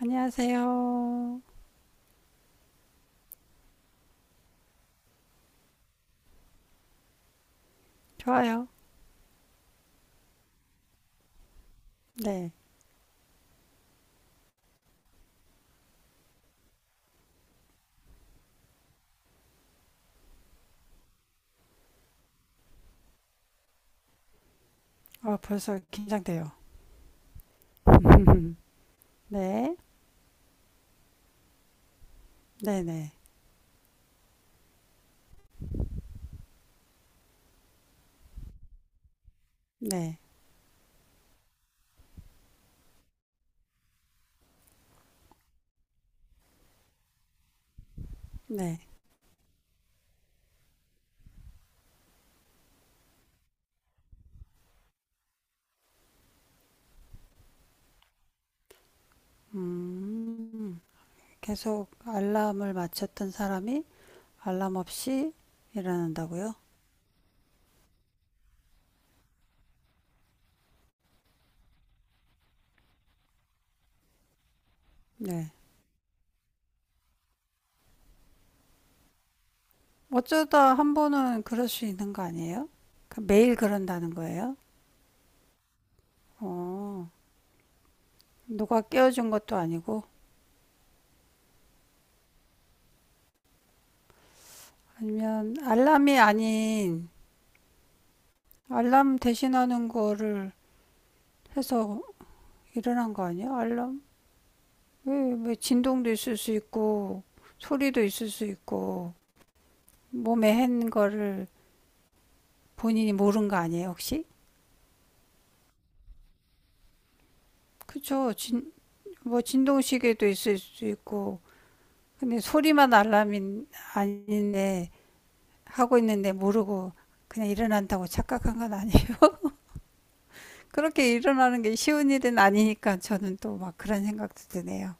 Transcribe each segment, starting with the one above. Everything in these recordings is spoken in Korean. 안녕하세요. 좋아요. 네. 벌써 긴장돼요. 네. 네네. 네. 네. 음. 계속 알람을 맞췄던 사람이 알람 없이 일어난다고요? 네. 어쩌다 한 번은 그럴 수 있는 거 아니에요? 그 매일 그런다는 거예요? 어. 누가 깨워준 것도 아니고 아니면 알람이 아닌 알람 대신하는 거를 해서 일어난 거 아니에요? 알람 왜, 진동도 있을 수 있고 소리도 있을 수 있고 몸에 한 거를 본인이 모른 거 아니에요, 혹시? 그쵸. 뭐 진동시계도 있을 수 있고 근데 소리만 알람이 아닌데 하고 있는데 모르고 그냥 일어난다고 착각한 건 아니에요. 그렇게 일어나는 게 쉬운 일은 아니니까 저는 또 막 그런 생각도 드네요.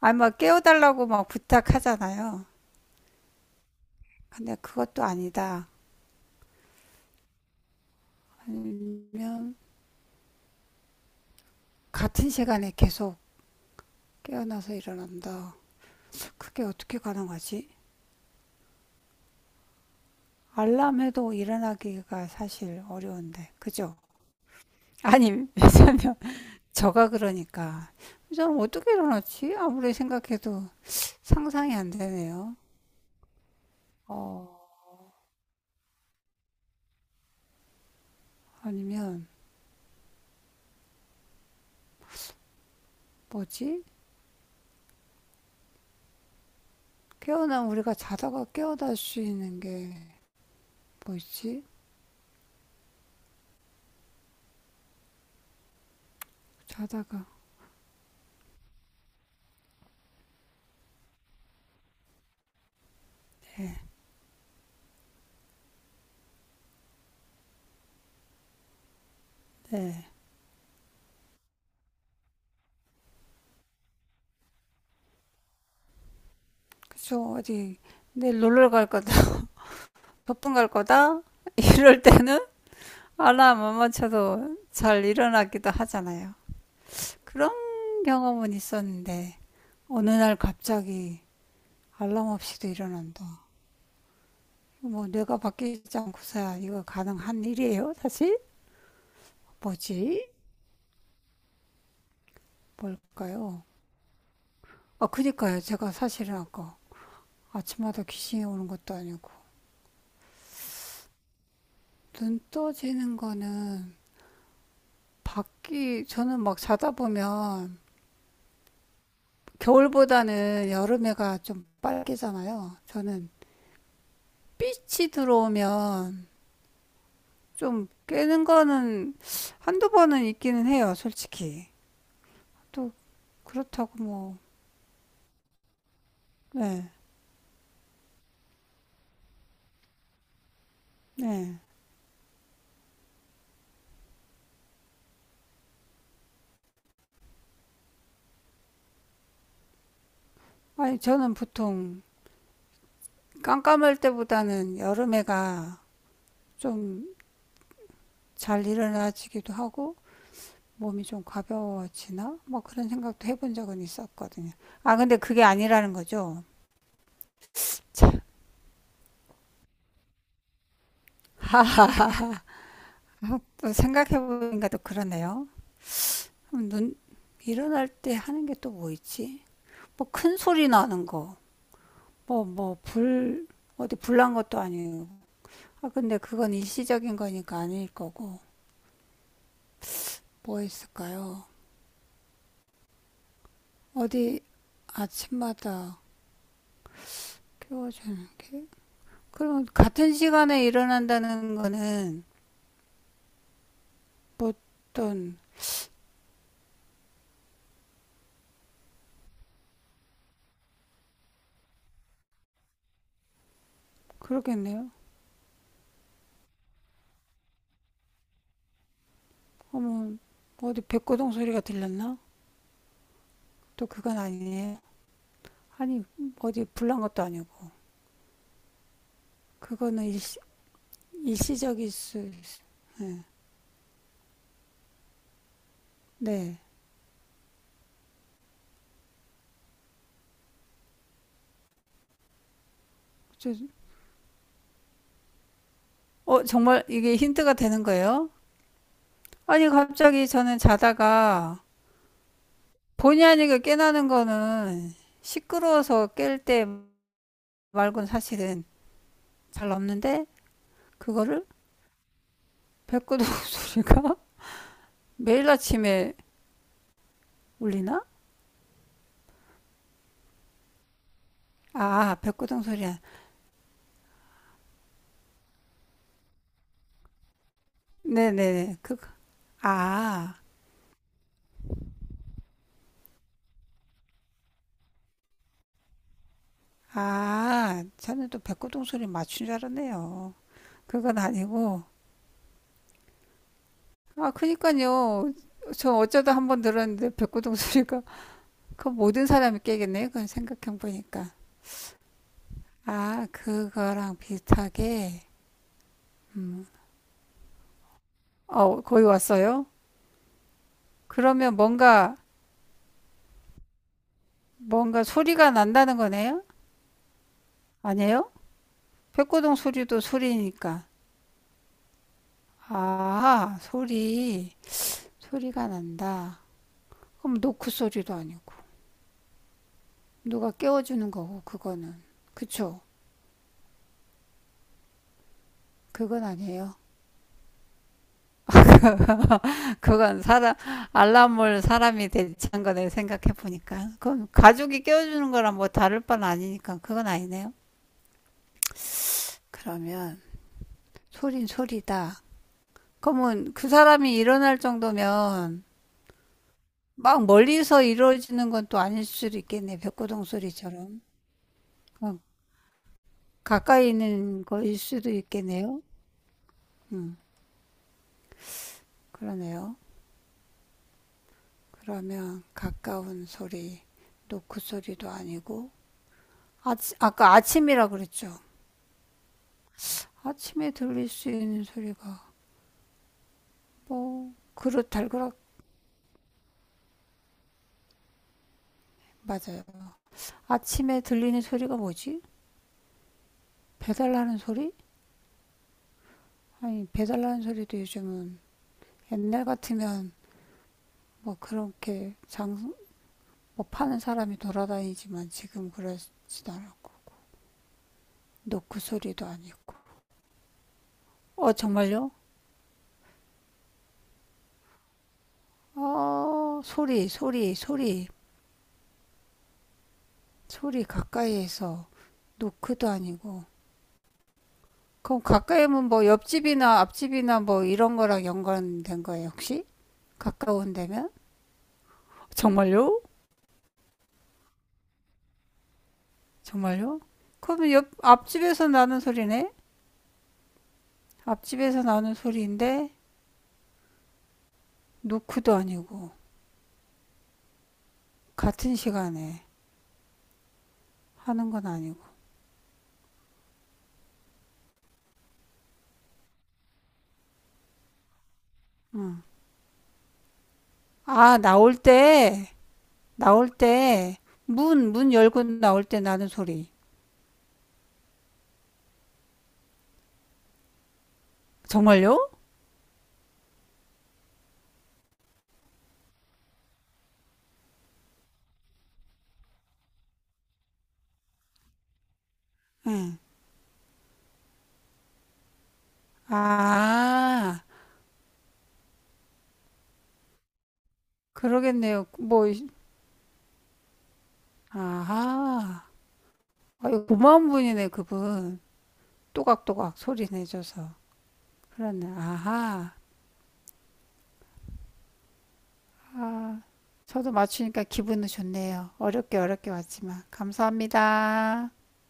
아니 막 깨워달라고 막 부탁하잖아요. 근데 그것도 아니다. 아니면 같은 시간에 계속 깨어나서 일어난다. 그게 어떻게 가능하지? 알람해도 일어나기가 사실 어려운데, 그죠? 아니, 왜냐면 저가 그러니까 저는 어떻게 일어났지? 아무리 생각해도 상상이 안 되네요. 어, 아니면 뭐지? 깨어나 우리가 자다가 깨어날 수 있는 게 뭐 있지? 자다가 네, 네, 그쵸 어디 내일 놀러 갈 거다, 소풍 갈 거다 이럴 때는 알람 못 맞춰도 잘 일어나기도 하잖아요. 그런 경험은 있었는데 어느 날 갑자기 알람 없이도 일어난다. 뭐 뇌가 바뀌지 않고서야 이거 가능한 일이에요, 사실? 뭐지? 뭘까요? 아, 그니까요. 제가 사실은 아까 아침마다 귀신이 오는 것도 아니고 눈 떠지는 거는 밖이 저는 막 자다 보면 겨울보다는 여름에가 좀 빨개잖아요. 저는 빛이 들어오면 좀 깨는 거는 한두 번은 있기는 해요, 솔직히. 또 그렇다고 뭐, 네, 네. 아니, 저는 보통 깜깜할 때보다는 여름에가 좀 잘 일어나지기도 하고, 몸이 좀 가벼워지나? 뭐 그런 생각도 해본 적은 있었거든요. 아, 근데 그게 아니라는 거죠. 아, 또 생각해보니까 또 그러네요. 그럼 눈, 일어날 때 하는 게 또 뭐 있지? 뭐 큰 소리 나는 거. 뭐, 뭐, 불, 어디 불난 것도 아니고. 아, 근데 그건 일시적인 거니까 아닐 거고. 뭐 있을까요? 어디 아침마다 깨워주는 게? 그럼 같은 시간에 일어난다는 거는 뭐 어떤, 그러겠네요. 어머, 어디 백고동 소리가 들렸나? 또 그건 아니에요. 아니, 어디 불난 것도 아니고. 그거는 일시, 일시적일 수, 있- 네. 네. 저- 정말 이게 힌트가 되는 거예요? 아니, 갑자기 저는 자다가 본의 아니게 깨나는 거는 시끄러워서 깰 때 말곤 사실은 잘 없는데, 그거를 백구동 소리가 매일 아침에 울리나? 아, 백구동 소리야. 네네네. 그, 아, 아, 저는 또 백구동 소리 맞춘 줄 알았네요. 그건 아니고. 아, 그니까요. 저 어쩌다 한번 들었는데 백구동 소리가 그 모든 사람이 깨겠네. 그건 생각해 보니까. 아, 그거랑 비슷하게. 음. 어, 거의 왔어요? 그러면 뭔가 소리가 난다는 거네요? 아니에요? 백고동 소리도 소리니까. 아, 소리. 소리가 난다. 그럼 노크 소리도 아니고. 누가 깨워주는 거고, 그거는. 그쵸? 그건 아니에요. 그건 사람, 알람을 사람이 대체한 거네, 생각해보니까. 그럼 가족이 깨워주는 거랑 뭐 다를 바는 아니니까 그건 아니네요. 그러면 소린 소리다. 그러면 그 사람이 일어날 정도면 막 멀리서 이루어지는 건 또 아닐 수도 있겠네. 벽고동 소리처럼. 어, 가까이 있는 거일 수도 있겠네요. 음, 그러네요. 그러면 가까운 소리, 노크 소리도 아니고 아까 아침이라 그랬죠. 아침에 들릴 수 있는 소리가 뭐 그릇 달그락 맞아요. 아침에 들리는 소리가 뭐지? 배달하는 소리? 아니 배달하는 소리도 요즘은 옛날 같으면 뭐 그렇게 장, 뭐 파는 사람이 돌아다니지만 지금 그러지도 않았고, 노크 소리도 아니고. 어, 정말요? 어, 소리, 소리, 소리, 소리 가까이에서 노크도 아니고. 그럼 가까이면 뭐 옆집이나 앞집이나 뭐 이런 거랑 연관된 거예요, 혹시? 가까운 데면? 정말요? 정말요? 그러면 앞집에서 나는 소리네? 앞집에서 나는 소리인데, 노크도 아니고. 같은 시간에 하는 건 아니고. 아, 나올 때, 나올 때, 문 열고 나올 때 나는 소리. 정말요? 응. 아, 그러겠네요. 뭐, 아하. 아유, 고마운 분이네, 그분. 또각또각 소리 내줘서. 그러네, 아하. 아, 저도 맞추니까 기분은 좋네요. 어렵게 어렵게 왔지만. 감사합니다.